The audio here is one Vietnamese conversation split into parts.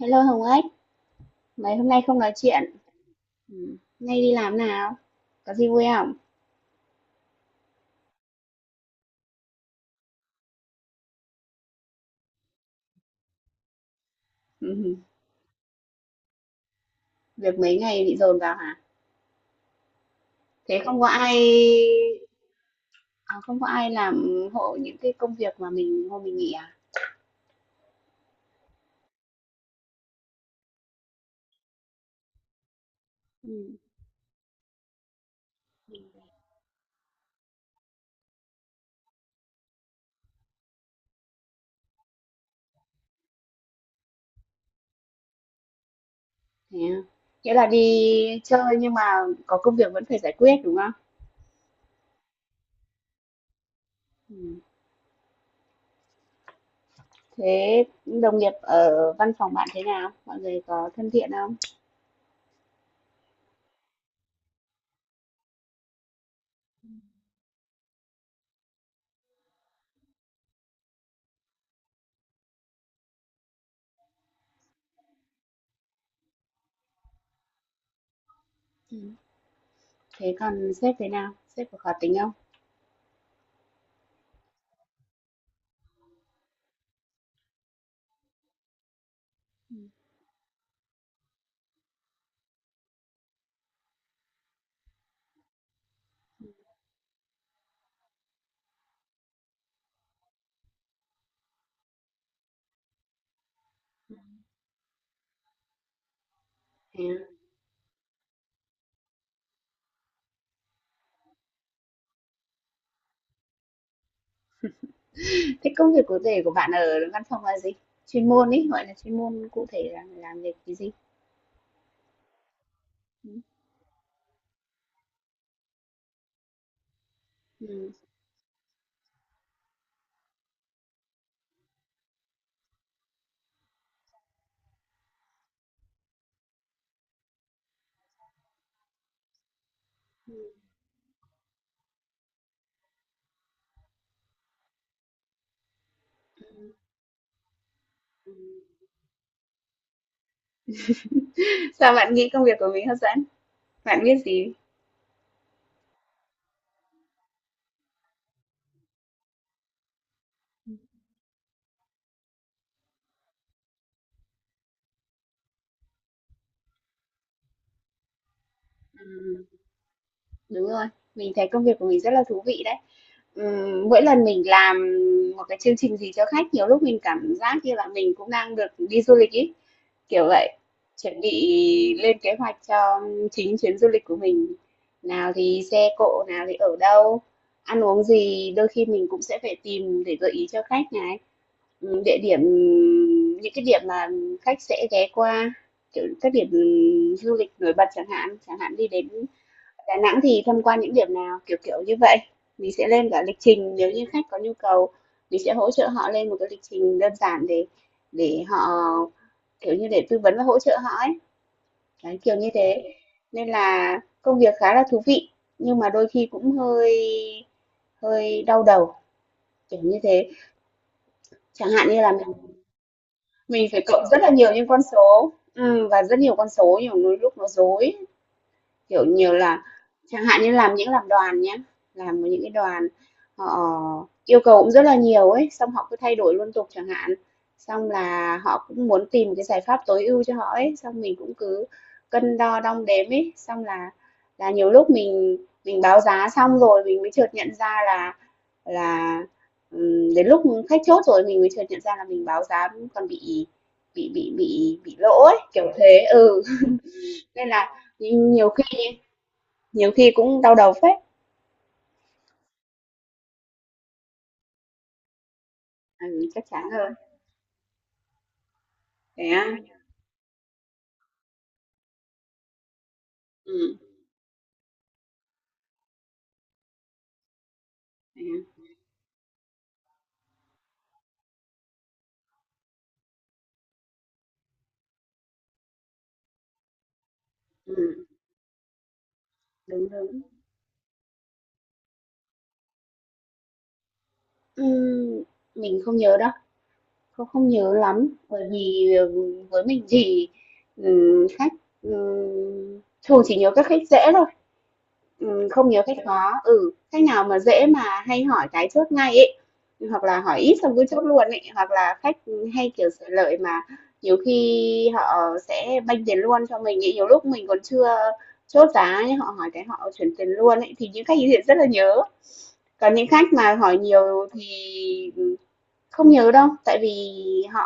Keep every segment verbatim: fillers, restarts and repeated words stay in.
Hello Hồng Ếch, mấy hôm nay không nói chuyện. Ừ. Nay đi làm nào? Có gì vui không? Ừ. Việc mấy ngày bị dồn vào hả? Thế không có ai à, không có ai làm hộ những cái công việc mà mình hôm mình nghỉ à? Ừ. Thế à? Nghĩa là đi chơi nhưng mà có công việc vẫn phải giải quyết đúng không? Ừ. Thế đồng nghiệp ở văn phòng bạn thế nào? Mọi người có thân thiện không? Ừ. Thế còn sếp thế nào? Sếp có khó tính không? Thế công việc cụ thể của bạn ở văn phòng là gì? Chuyên môn ấy, gọi là, chuyên môn cụ thể là làm việc cái gì? Ừm. Sao bạn nghĩ công việc của mình hấp dẫn? Bạn biết gì? ừm, Đúng rồi, mình thấy công việc của mình rất là thú vị đấy. Ừm, mỗi lần mình làm một cái chương trình gì cho khách, nhiều lúc mình cảm giác như là mình cũng đang được đi du lịch ý. Kiểu vậy, chuẩn bị lên kế hoạch cho chính chuyến du lịch của mình. Nào thì xe cộ, nào thì ở đâu, ăn uống gì, đôi khi mình cũng sẽ phải tìm để gợi ý cho khách này. Ừ. Địa điểm, những cái điểm mà khách sẽ ghé qua, kiểu các điểm du lịch nổi bật chẳng hạn, chẳng hạn đi đến Đà Nẵng thì tham quan những điểm nào, kiểu kiểu như vậy. Mình sẽ lên cả lịch trình nếu như khách có nhu cầu, mình sẽ hỗ trợ họ lên một cái lịch trình đơn giản để để họ, kiểu như để tư vấn và hỗ trợ họ ấy, đấy, kiểu như thế. Nên là công việc khá là thú vị, nhưng mà đôi khi cũng hơi hơi đau đầu, kiểu như thế. Chẳng hạn như là mình mình phải cộng rất là nhiều những con số, ừm, và rất nhiều con số, nhiều lúc nó rối. Kiểu nhiều là chẳng hạn như làm những làm đoàn nhá, làm những cái đoàn họ yêu cầu cũng rất là nhiều ấy, xong họ cứ thay đổi liên tục chẳng hạn. Xong là họ cũng muốn tìm cái giải pháp tối ưu cho họ ấy, xong mình cũng cứ cân đo đong đếm ấy, xong là là nhiều lúc mình mình báo giá xong rồi mình mới chợt nhận ra là là, đến lúc khách chốt rồi mình mới chợt nhận ra là mình báo giá còn bị bị bị bị bị lỗ ấy, kiểu thế. Ừ, nên là nhiều khi nhiều khi cũng đau đầu phết. Ừ, chắc chắn rồi. Thế á? Ừm, thế á? Ừm, đúng, đúng. Ừm, mình không nhớ đâu, không không nhớ lắm, bởi vì, ừm, với mình thì, ừm, khách, ừm, thường chỉ nhớ các khách dễ thôi. Ừm, không nhiều khách khó, ừ, khách nào mà dễ mà hay hỏi cái chốt ngay ấy, hoặc là hỏi ít xong cứ chốt luôn ấy, hoặc là khách hay, kiểu, sở lợi mà nhiều khi họ sẽ banh tiền luôn cho mình ấy, nhiều lúc mình còn chưa chốt giá nhá, họ hỏi cái họ chuyển tiền luôn ấy, thì những khách ấy thì rất là nhớ. Còn những khách mà hỏi nhiều thì, ừ, không nhớ đâu, tại vì họ,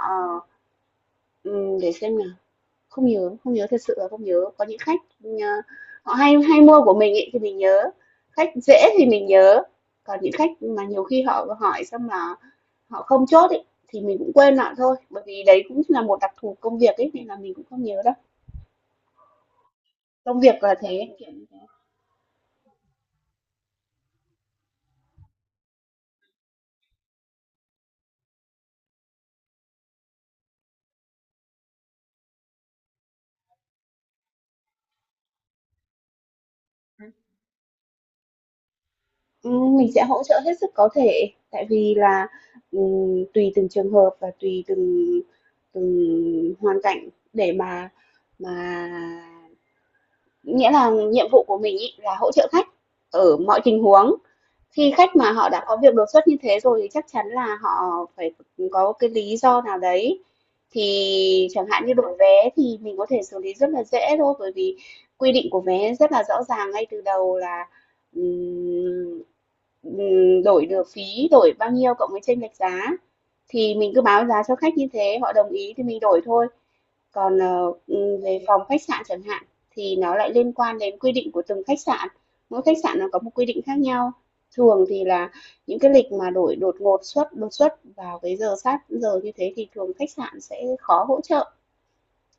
ừm, để xem nào. Không nhớ, không nhớ, thật sự là không nhớ. Có những khách, ờ, họ hay hay mua của mình ấy thì mình nhớ, khách dễ thì mình nhớ, còn những khách mà nhiều khi họ hỏi xong là họ không chốt ấy thì mình cũng quên lại thôi, bởi vì đấy cũng là một đặc thù công việc ấy nên là mình cũng không nhớ đâu. Công việc là thế. Ừ, mình sẽ hỗ trợ hết sức có thể tại vì là, ừm, tùy từng trường hợp và tùy từng từng hoàn cảnh để mà mà nghĩa là nhiệm vụ của mình ấy là hỗ trợ khách ở mọi tình huống. Khi khách mà họ đã có việc đột xuất như thế rồi thì chắc chắn là họ phải có cái lý do nào đấy. Thì chẳng hạn như đổi vé thì mình có thể xử lý rất là dễ thôi, bởi vì quy định của vé rất là rõ ràng ngay từ đầu là, ừm, đổi được phí, đổi bao nhiêu cộng với chênh lệch giá. Thì mình cứ báo giá cho khách như thế, họ đồng ý thì mình đổi thôi. Còn, ờ, ừ, về phòng khách sạn chẳng hạn, thì nó lại liên quan đến quy định của từng khách sạn, mỗi khách sạn nó có một quy định khác nhau. Thường thì là những cái lịch mà đổi đột ngột xuất đột xuất vào cái giờ sát giờ như thế thì thường khách sạn sẽ khó hỗ trợ.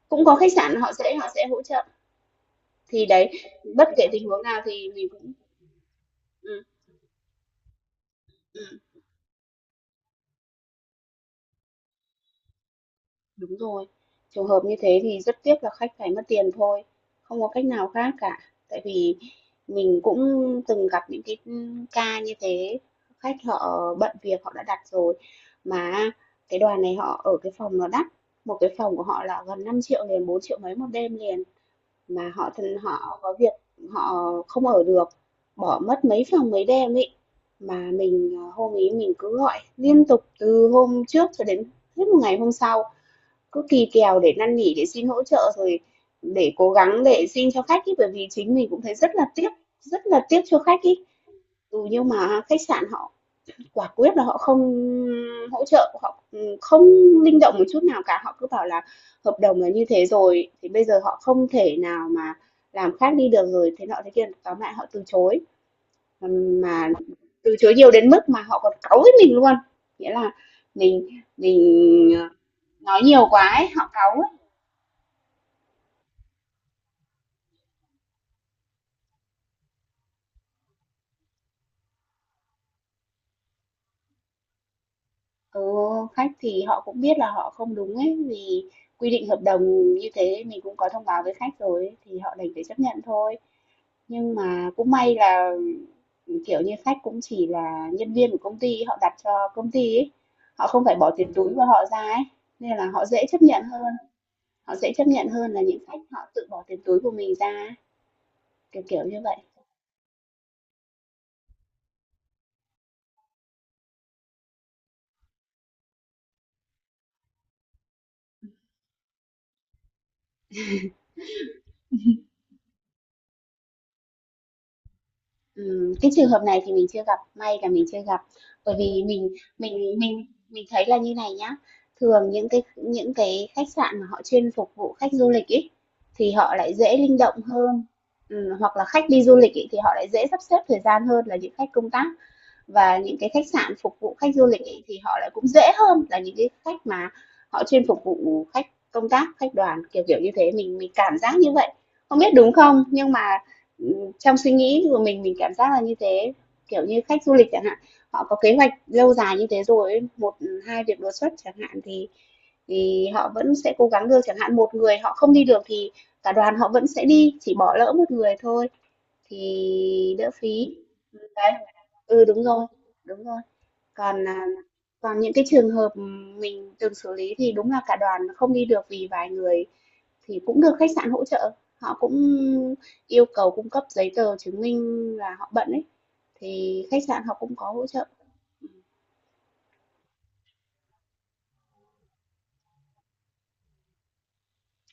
Cũng có khách sạn họ sẽ họ sẽ hỗ trợ, thì đấy, bất kể tình huống nào thì mình cũng ừm. Đúng rồi. Trường hợp như thế thì rất tiếc là khách phải mất tiền thôi, không có cách nào khác cả. Tại vì mình cũng từng gặp những cái, ừ, ca như thế, khách họ bận việc họ đã đặt rồi mà cái đoàn này họ ở cái phòng nó đắt, một cái phòng của họ là gần năm triệu liền, bốn triệu mấy một đêm liền mà họ thân họ có việc họ không ở được, bỏ mất mấy phòng mấy đêm ấy. Mà mình à, hôm ý mình cứ gọi liên tục từ hôm trước cho đến hết một ngày hôm sau, cứ kỳ kèo để năn nỉ, để xin hỗ trợ, rồi để cố gắng để xin cho khách ý bởi vì chính mình cũng thấy rất là tiếc, rất là tiếc cho khách ý. Ừ, nhưng mà khách sạn họ quả quyết là họ không hỗ trợ, họ không linh động một chút nào cả, họ cứ bảo là hợp đồng là như thế rồi, thì bây giờ họ không thể nào mà làm khác đi được rồi, thế nọ thế kia, tóm lại họ từ chối. Mà mà Từ chối nhiều đến mức mà họ còn cáu với mình luôn. Nghĩa là mình mình ờ, nói nhiều quá ấy, họ cáu. Ừ, khách thì họ cũng biết là họ không đúng ấy vì quy định hợp đồng như thế mình cũng có thông báo với khách rồi ấy, thì họ đành phải chấp nhận thôi, nhưng mà cũng may là, ừ, kiểu như khách cũng chỉ là nhân viên của công ty họ đặt cho công ty ấy, họ không phải bỏ tiền túi của họ ra ấy, nên là họ dễ chấp nhận hơn, họ dễ chấp nhận hơn là những khách họ tự bỏ tiền túi của mình ra ấy, kiểu kiểu như vậy. Ừm, cái trường hợp này thì mình chưa gặp, may là mình chưa gặp. Bởi vì mình mình mình mình thấy là như này nhá, thường những cái những cái khách sạn mà họ chuyên phục vụ khách du lịch ấy, thì họ lại dễ linh động hơn. Ừm, hoặc là khách đi du lịch ấy, thì họ lại dễ sắp xếp thời gian hơn là những khách công tác, và những cái khách sạn phục vụ khách du lịch ấy, thì họ lại cũng dễ hơn là những cái khách mà họ chuyên phục vụ khách công tác khách đoàn kiểu kiểu như thế, mình mình cảm giác như vậy, không biết đúng không nhưng mà, ừ, trong suy nghĩ của mình mình cảm giác là như thế. Kiểu như khách du lịch chẳng hạn họ có kế hoạch lâu dài như thế rồi một, ừ, hai việc đột xuất chẳng hạn thì thì họ vẫn sẽ cố gắng được, chẳng hạn một người họ không đi được thì cả đoàn họ vẫn sẽ đi chỉ bỏ lỡ một người thôi, thì đỡ phí. Đấy. Ừ, đúng rồi, đúng rồi. Còn, à, còn những cái trường hợp mình từng xử lý thì đúng là cả đoàn không đi được vì vài người thì cũng được khách sạn hỗ trợ, họ cũng yêu cầu cung cấp giấy tờ chứng minh là họ bận ấy, thì khách sạn họ cũng có hỗ trợ.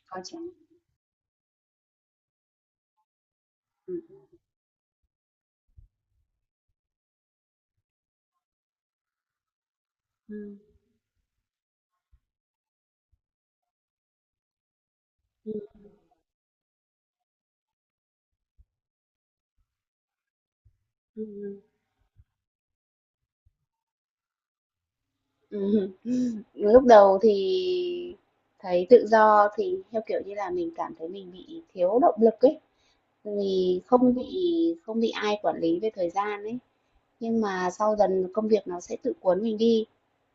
Có chứ. Ừm, ừm, ừm. Lúc đầu thì thấy tự do thì, theo kiểu như là, mình cảm thấy mình bị thiếu động lực ấy, vì không bị không bị ai quản lý về thời gian ấy. Nhưng mà sau dần công việc nó sẽ tự cuốn mình đi,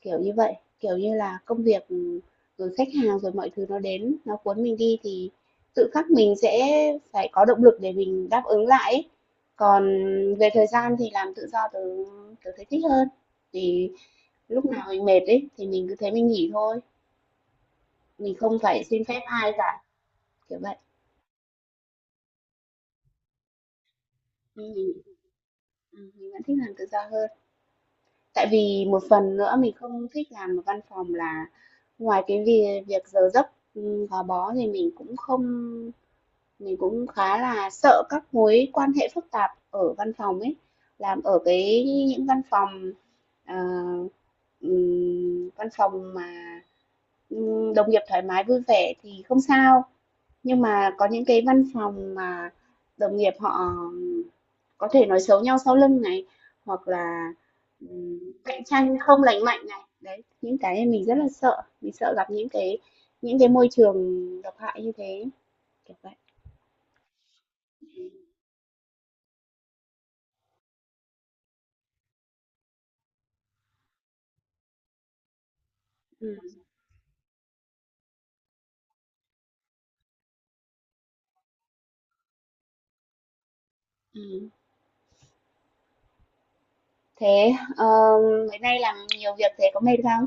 kiểu như vậy. Kiểu như là công việc, ừ, rồi khách hàng, rồi mọi thứ nó đến, nó cuốn mình đi thì tự khắc mình sẽ phải có động lực để mình đáp ứng lại ấy. Còn về thời gian thì làm tự do tớ tớ thấy thích hơn. Thì lúc nào mình mệt ấy thì mình cứ thế mình nghỉ thôi, mình không phải xin phép ai cả, kiểu vậy. Nên mình ừm, mình vẫn thích làm tự do hơn. Tại vì một phần nữa mình không thích làm ở văn phòng là ngoài cái việc việc giờ giấc, ừ, gò bó thì mình cũng không mình cũng khá là sợ các mối quan hệ phức tạp ở văn phòng ấy, làm ở cái những văn phòng, ờ, ừm, văn phòng mà, ừm, đồng nghiệp thoải mái vui vẻ thì không sao, nhưng mà có những cái văn phòng mà đồng nghiệp họ có thể nói xấu nhau sau lưng này, hoặc là, ừm, cạnh tranh không lành mạnh này, đấy, những cái mình rất là sợ, mình sợ gặp những cái những cái môi trường độc hại như thế, kiểu vậy. Ừm, ừm. Thế, ờ, mấy nay làm nhiều việc thế có mệt không?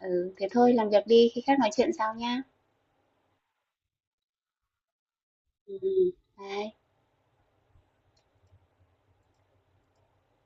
Ừ, thế thôi làm việc đi, khi khác nói chuyện sau nhá. Ừ, ừm, bye.